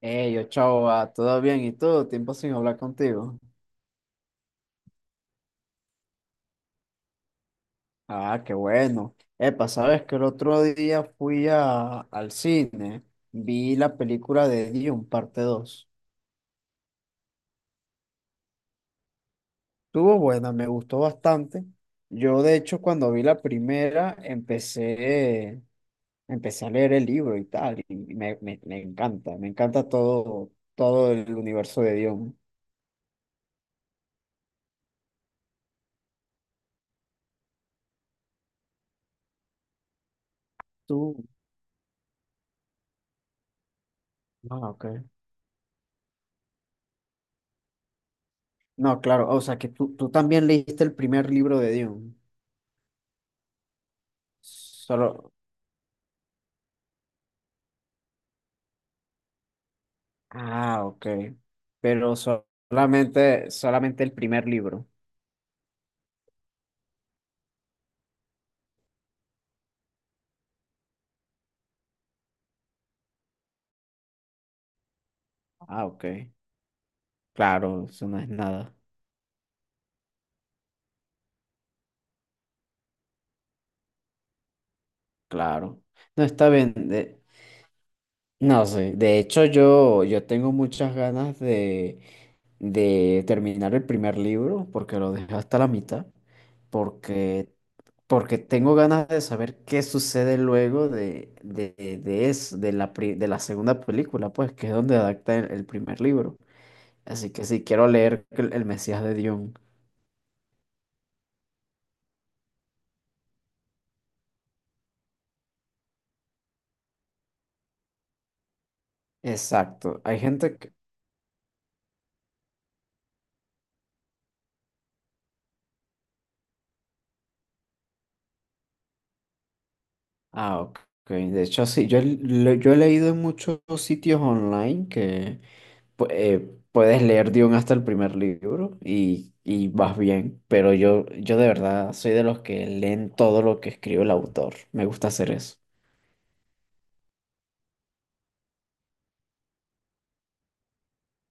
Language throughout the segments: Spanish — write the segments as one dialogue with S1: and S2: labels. S1: Hey, yo, chao, va, ¿todo bien? ¿Y tú? Tiempo sin hablar contigo. Ah, qué bueno. Epa, sabes que el otro día fui al cine, vi la película de Dune, parte 2. Estuvo buena, me gustó bastante. Yo, de hecho, cuando vi la primera, empecé a leer el libro y tal, y me encanta todo el universo de Dune. Tú, ah, ok. No, claro, o sea que tú también leíste el primer libro de Dune. Solo. Ah, ok. Pero solamente el primer libro. Ah, ok. Claro, eso no es nada. Claro. No está No sé. De hecho, yo tengo muchas ganas de terminar el primer libro porque lo dejé hasta la mitad. Porque, porque tengo ganas de saber qué sucede luego de de la segunda película, pues, que es donde adapta el primer libro. Así que sí, quiero leer el Mesías de Dune. Exacto. Hay gente que... Ah, ok. De hecho, sí, yo he leído en muchos sitios online que puedes leer Dune hasta el primer libro y vas bien, pero yo de verdad soy de los que leen todo lo que escribe el autor. Me gusta hacer eso.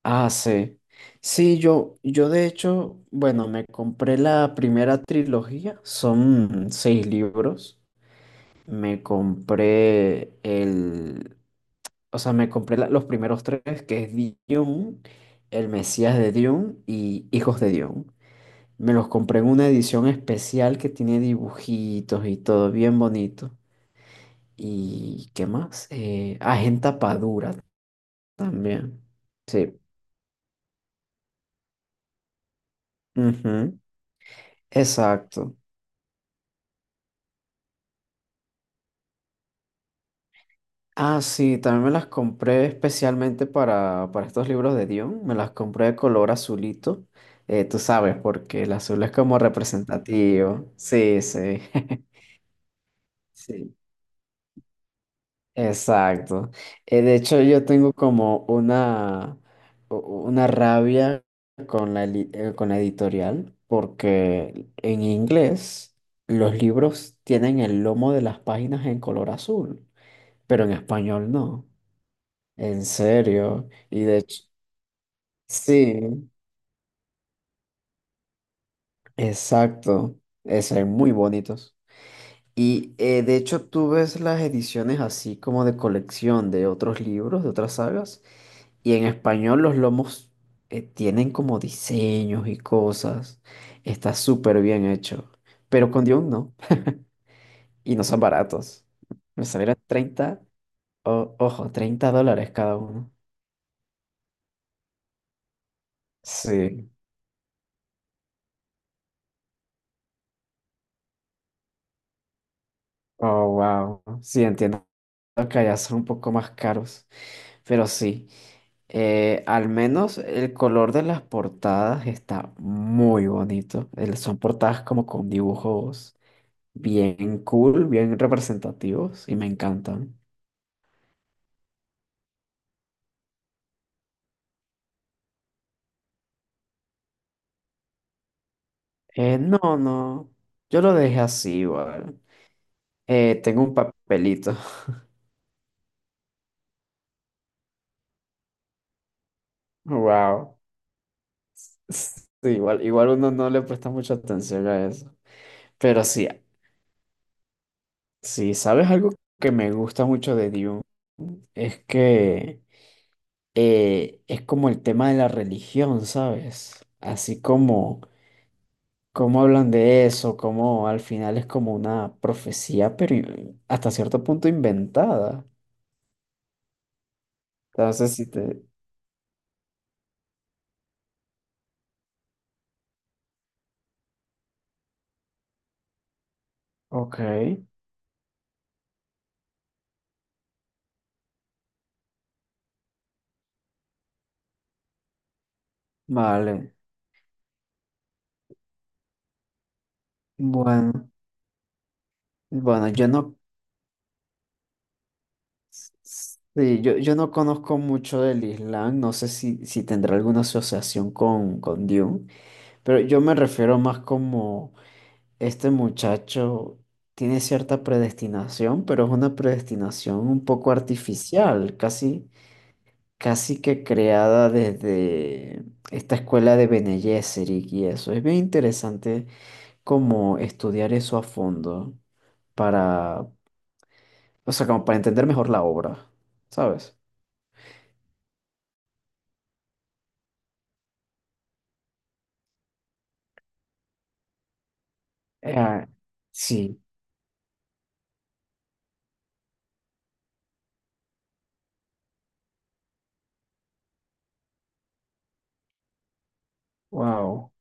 S1: Ah, sí. Sí, yo de hecho, bueno, me compré la primera trilogía, son seis libros. Me compré el, o sea, me compré la- los primeros tres, que es Dune, El Mesías de Dune y Hijos de Dune. Me los compré en una edición especial que tiene dibujitos y todo bien bonito. ¿Y qué más? Es en tapa dura también. Sí, ujú. Exacto. Ah, sí, también me las compré especialmente para estos libros de Dion. Me las compré de color azulito. Tú sabes, porque el azul es como representativo. Sí, sí. Sí, exacto. De hecho, yo tengo como u- una rabia con con la editorial, porque en inglés los libros tienen el lomo de las páginas en color azul, pero en español no. En serio, y de hecho, sí, exacto, se ven muy bonitos. De hecho tú ves las ediciones así como de colección de otros libros, de otras sagas, y en español los lomos tienen como diseños y cosas, está súper bien hecho, pero con Dune no, y no son baratos, me salieron 30. O- ojo, 30 dólares cada uno. Sí, oh, wow, sí, entiendo que allá son un poco más caros. Pero sí, al menos el color de las portadas está muy bonito. El- son portadas como con dibujos bien cool, bien representativos y me encantan. No, yo lo dejé así igual. Tengo un papelito. Wow. Sí, igual, igual uno no le presta mucha atención a eso. Pero sí, sí, ¿sabes algo que me gusta mucho de Dune? Es que... es como el tema de la religión, ¿sabes? Así como, cómo hablan de eso, como al final es como una profecía, pero hasta cierto punto inventada. Entonces, si te... Ok, vale. Bueno, bueno, yo no... Sí, yo no conozco mucho del Islam, no sé si tendrá alguna asociación con Dune, pero yo me refiero más como este muchacho tiene cierta predestinación, pero es una predestinación un poco artificial, casi, casi que creada desde esta escuela de Bene Gesserit y eso. Es bien interesante como estudiar eso a fondo para, o sea, como para entender mejor la obra, ¿sabes? Eh, sí, wow.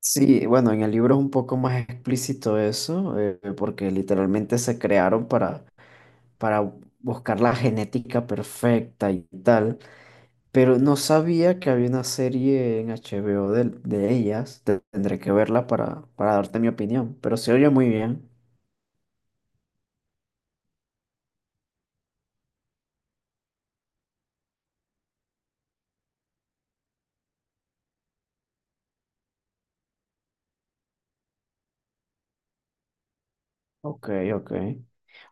S1: Sí, bueno, en el libro es un poco más explícito eso, porque literalmente se crearon para buscar la genética perfecta y tal, pero no sabía que había una serie en HBO de ellas. Tendré que verla para darte mi opinión, pero se oye muy bien. Ok, ok.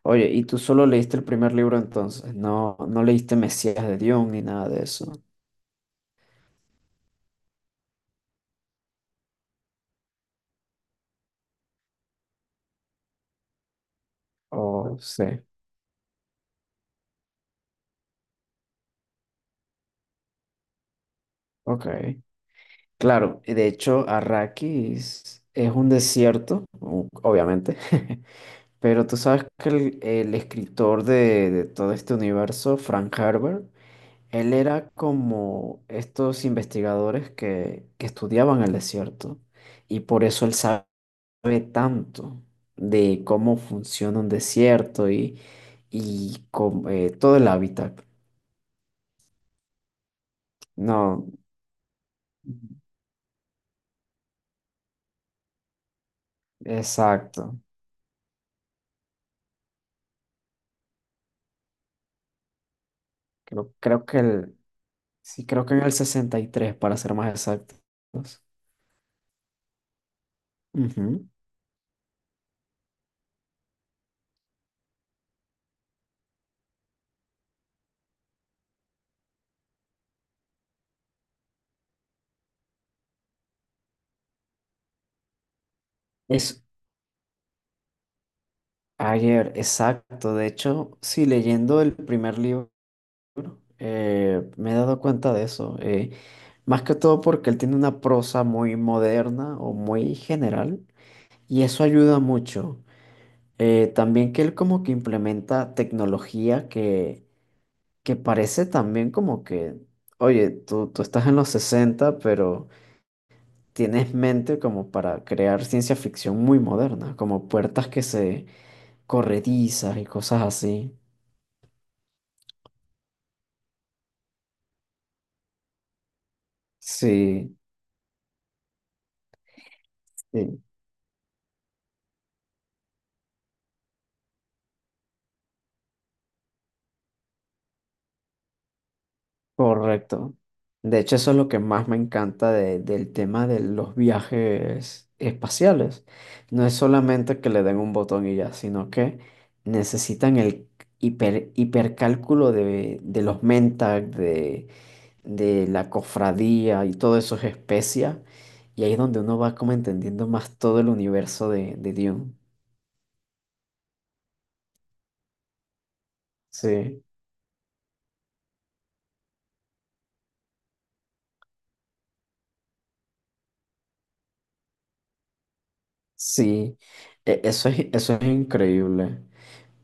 S1: Oye, ¿y tú solo leíste el primer libro entonces? No, no leíste Mesías de Dion ni nada de eso. Oh, sí. Ok. Claro, y de hecho, Arrakis es un desierto, obviamente. Pero tú sabes que el escritor de todo este universo, Frank Herbert, él era como estos investigadores que estudiaban el desierto. Y por eso él sabe tanto de cómo funciona un desierto y cómo, todo el hábitat. No, exacto. Creo que creo que en el 63 para ser más exactos. Ujú. Es, Ayer, exacto. De hecho, sí, leyendo el primer libro, me he dado cuenta de eso. Más que todo porque él tiene una prosa muy moderna o muy general, y eso ayuda mucho. También que él como que implementa tecnología que parece también como que, oye, tú estás en los 60 pero tienes mente como para crear ciencia ficción muy moderna, como puertas que se corredizan y cosas así. Sí, sí, correcto. De hecho, eso es lo que más me encanta de- del tema de los viajes espaciales. No es solamente que le den un botón y ya, sino que necesitan el hiper, hipercálculo de los Mentag, de la cofradía y todo eso es especia. Y ahí es donde uno va como entendiendo más todo el universo de Dune. Sí, sí. Eso es increíble.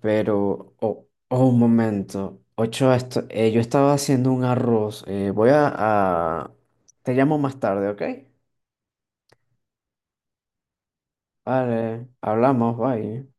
S1: Pero, oh, oh, un momento. Ocho, esto, yo estaba haciendo un arroz. A- Te llamo más tarde, ¿ok? Vale, hablamos, bye.